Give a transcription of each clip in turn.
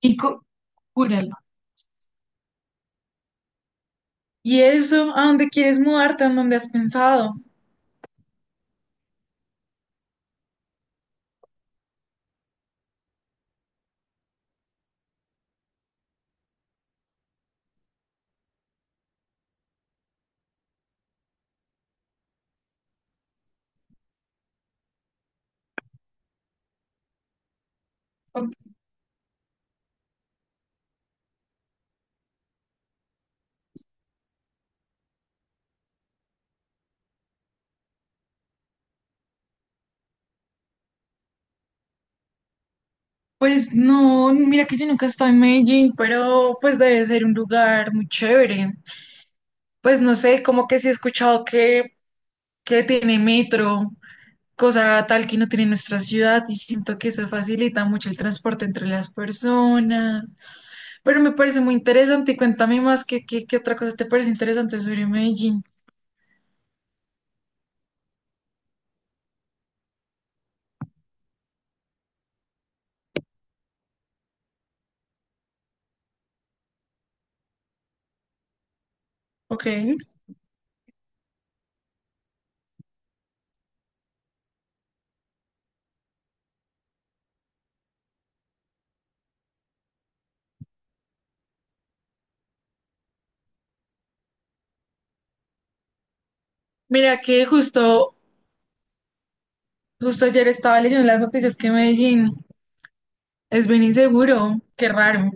Y cu- Cúralo. ¿Y eso? ¿A dónde quieres mudarte? ¿A dónde has pensado? O- Pues no, mira que yo nunca he estado en Medellín, pero pues debe ser un lugar muy chévere. Pues no sé, como que sí he escuchado que tiene metro, cosa tal que no tiene nuestra ciudad, y siento que eso facilita mucho el transporte entre las personas. Pero me parece muy interesante y cuéntame más qué otra cosa te parece interesante sobre Medellín. Ok. Mira que justo Justo ayer estaba leyendo las noticias que Medellín es bien inseguro, qué raro.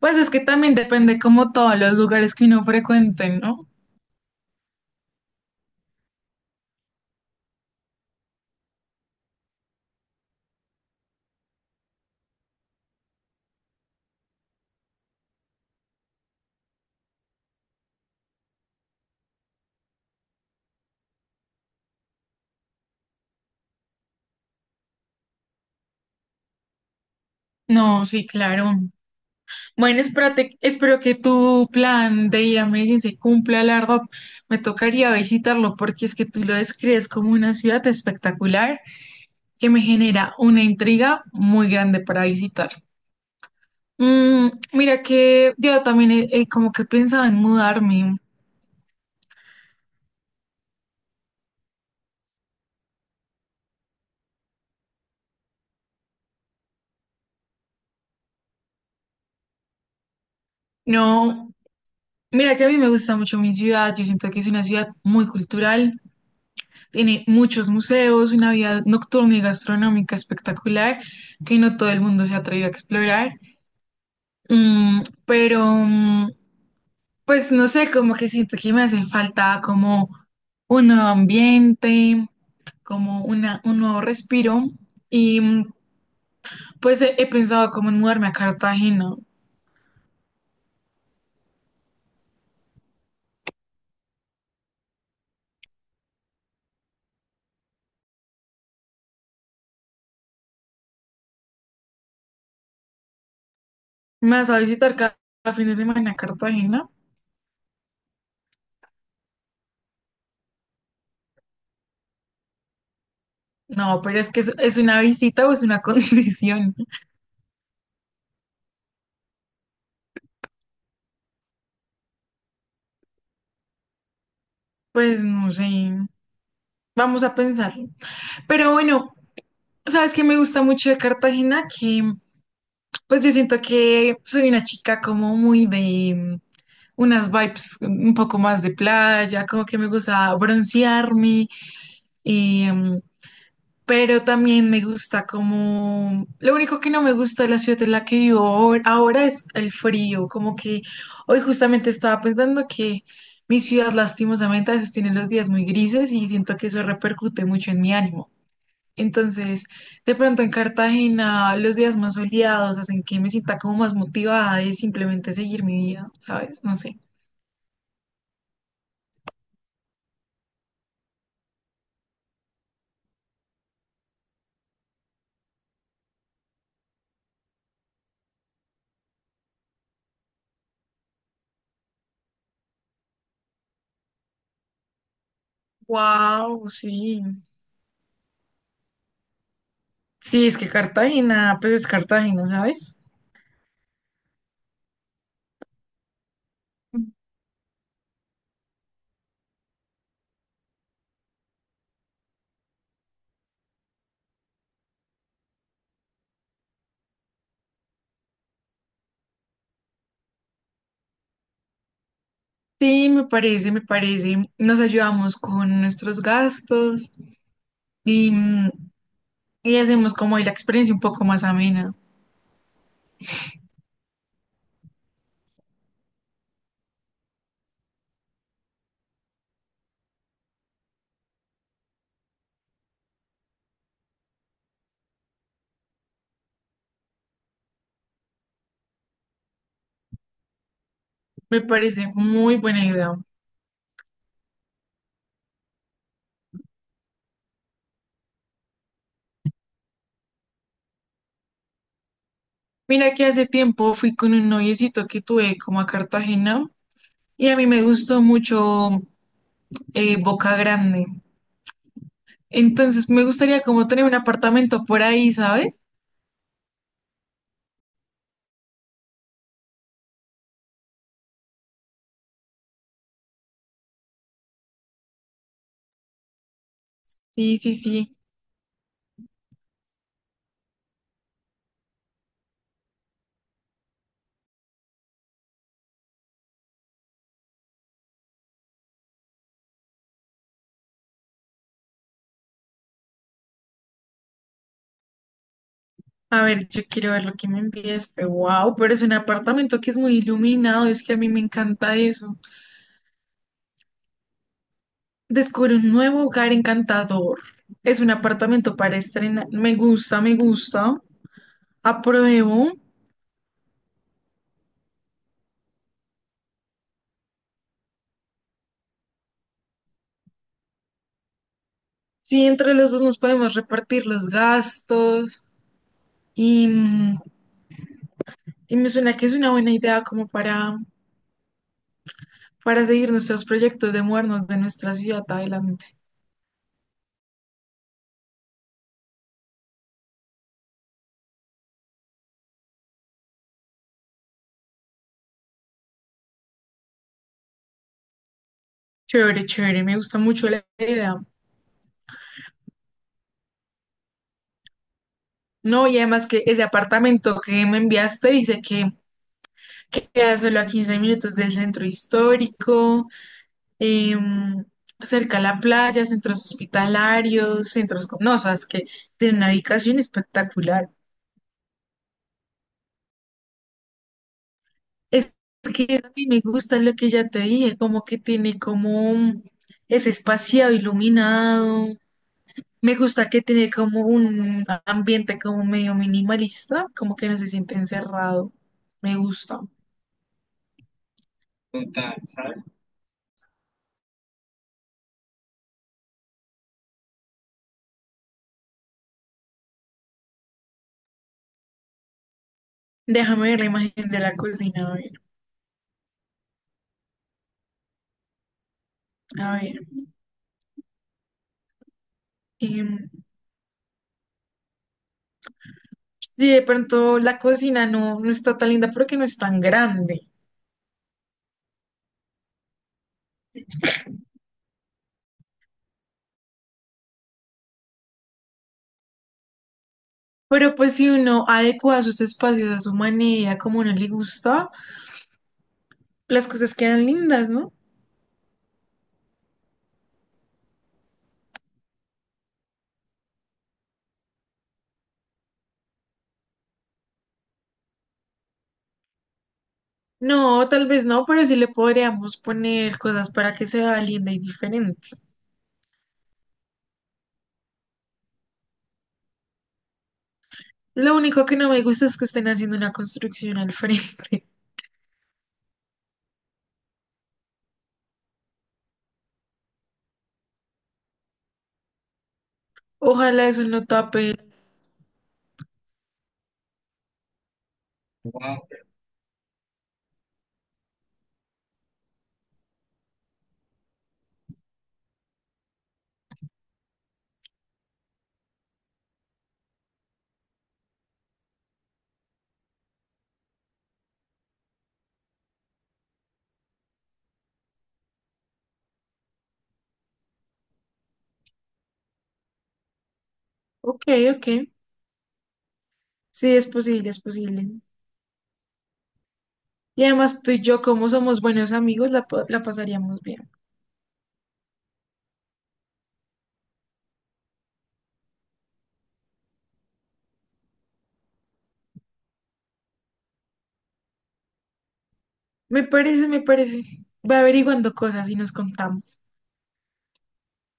Pues es que también depende como todos los lugares que uno frecuente, ¿no? No, sí, claro. Bueno, espérate, espero que tu plan de ir a Medellín se cumpla, la verdad. Me tocaría visitarlo porque es que tú lo describes como una ciudad espectacular que me genera una intriga muy grande para visitar. Mm, mira que yo también he como que pensaba en mudarme. No, mira que a mí me gusta mucho mi ciudad, yo siento que es una ciudad muy cultural, tiene muchos museos, una vida nocturna y gastronómica espectacular que no todo el mundo se ha atrevido a explorar. Mm, pero mm, pues no sé, como que siento que me hace falta como un nuevo ambiente, como un nuevo respiro y mm, pues he pensado como en mudarme a Cartagena. ¿Me vas a visitar cada fin de semana a Cartagena? No, pero es que es una visita o es una condición. Pues no sé, vamos a pensarlo. Pero bueno, sabes que me gusta mucho de Cartagena, que pues yo siento que soy una chica como muy de unas vibes un poco más de playa, como que me gusta broncearme, pero también me gusta como... Lo único que no me gusta de la ciudad en la que vivo ahora es el frío, como que hoy justamente estaba pensando que mi ciudad lastimosamente a veces tiene los días muy grises y siento que eso repercute mucho en mi ánimo. Entonces, de pronto en Cartagena los días más soleados hacen que me sienta como más motivada de simplemente seguir mi vida, ¿sabes? No sé. Wow, sí. Sí, es que Cartagena, pues es Cartagena, ¿sabes? Sí, me parece, me parece. Nos ayudamos con nuestros gastos y, mm, y hacemos como ahí la experiencia un poco más amena. Me parece muy buena idea. Mira que hace tiempo fui con un noviecito que tuve como a Cartagena y a mí me gustó mucho Boca Grande. Entonces me gustaría como tener un apartamento por ahí, ¿sabes? Sí, sí, sí. A ver, yo quiero ver lo que me enviaste. Wow, pero es un apartamento que es muy iluminado, es que a mí me encanta eso. Descubre un nuevo hogar encantador. Es un apartamento para estrenar. Me gusta, me gusta. Apruebo. Sí, entre los dos nos podemos repartir los gastos. Y, mm, y me suena que es una buena idea como para seguir nuestros proyectos de mudarnos de nuestra ciudad adelante. Chévere, chévere. Me gusta mucho la idea. No, y además que ese apartamento que me enviaste dice que queda solo a 15 minutos del centro histórico, em, cerca a la playa, centros hospitalarios, centros con... No, o sea, es que tiene una ubicación espectacular. Es que a mí me gusta lo que ya te dije, como que tiene como es espaciado, iluminado. Me gusta que tiene como un ambiente como medio minimalista, como que no se siente encerrado. Me gusta. Déjame ver la imagen de la cocina, a ver, a ver. Em, Si de pronto la cocina no está tan linda porque no es tan grande. Pero pues si uno adecua sus espacios a su manera, como no le gusta, las cosas quedan lindas, ¿no? No, tal vez no, pero sí le podríamos poner cosas para que se vea linda y diferente. Lo único que no me gusta es que estén haciendo una construcción al frente. Ojalá eso no tape. Ok, ok. Sí, es posible, es posible. Y además tú y yo, como somos buenos amigos, la pasaríamos bien. Me parece, me parece. Va averiguando cosas y nos contamos.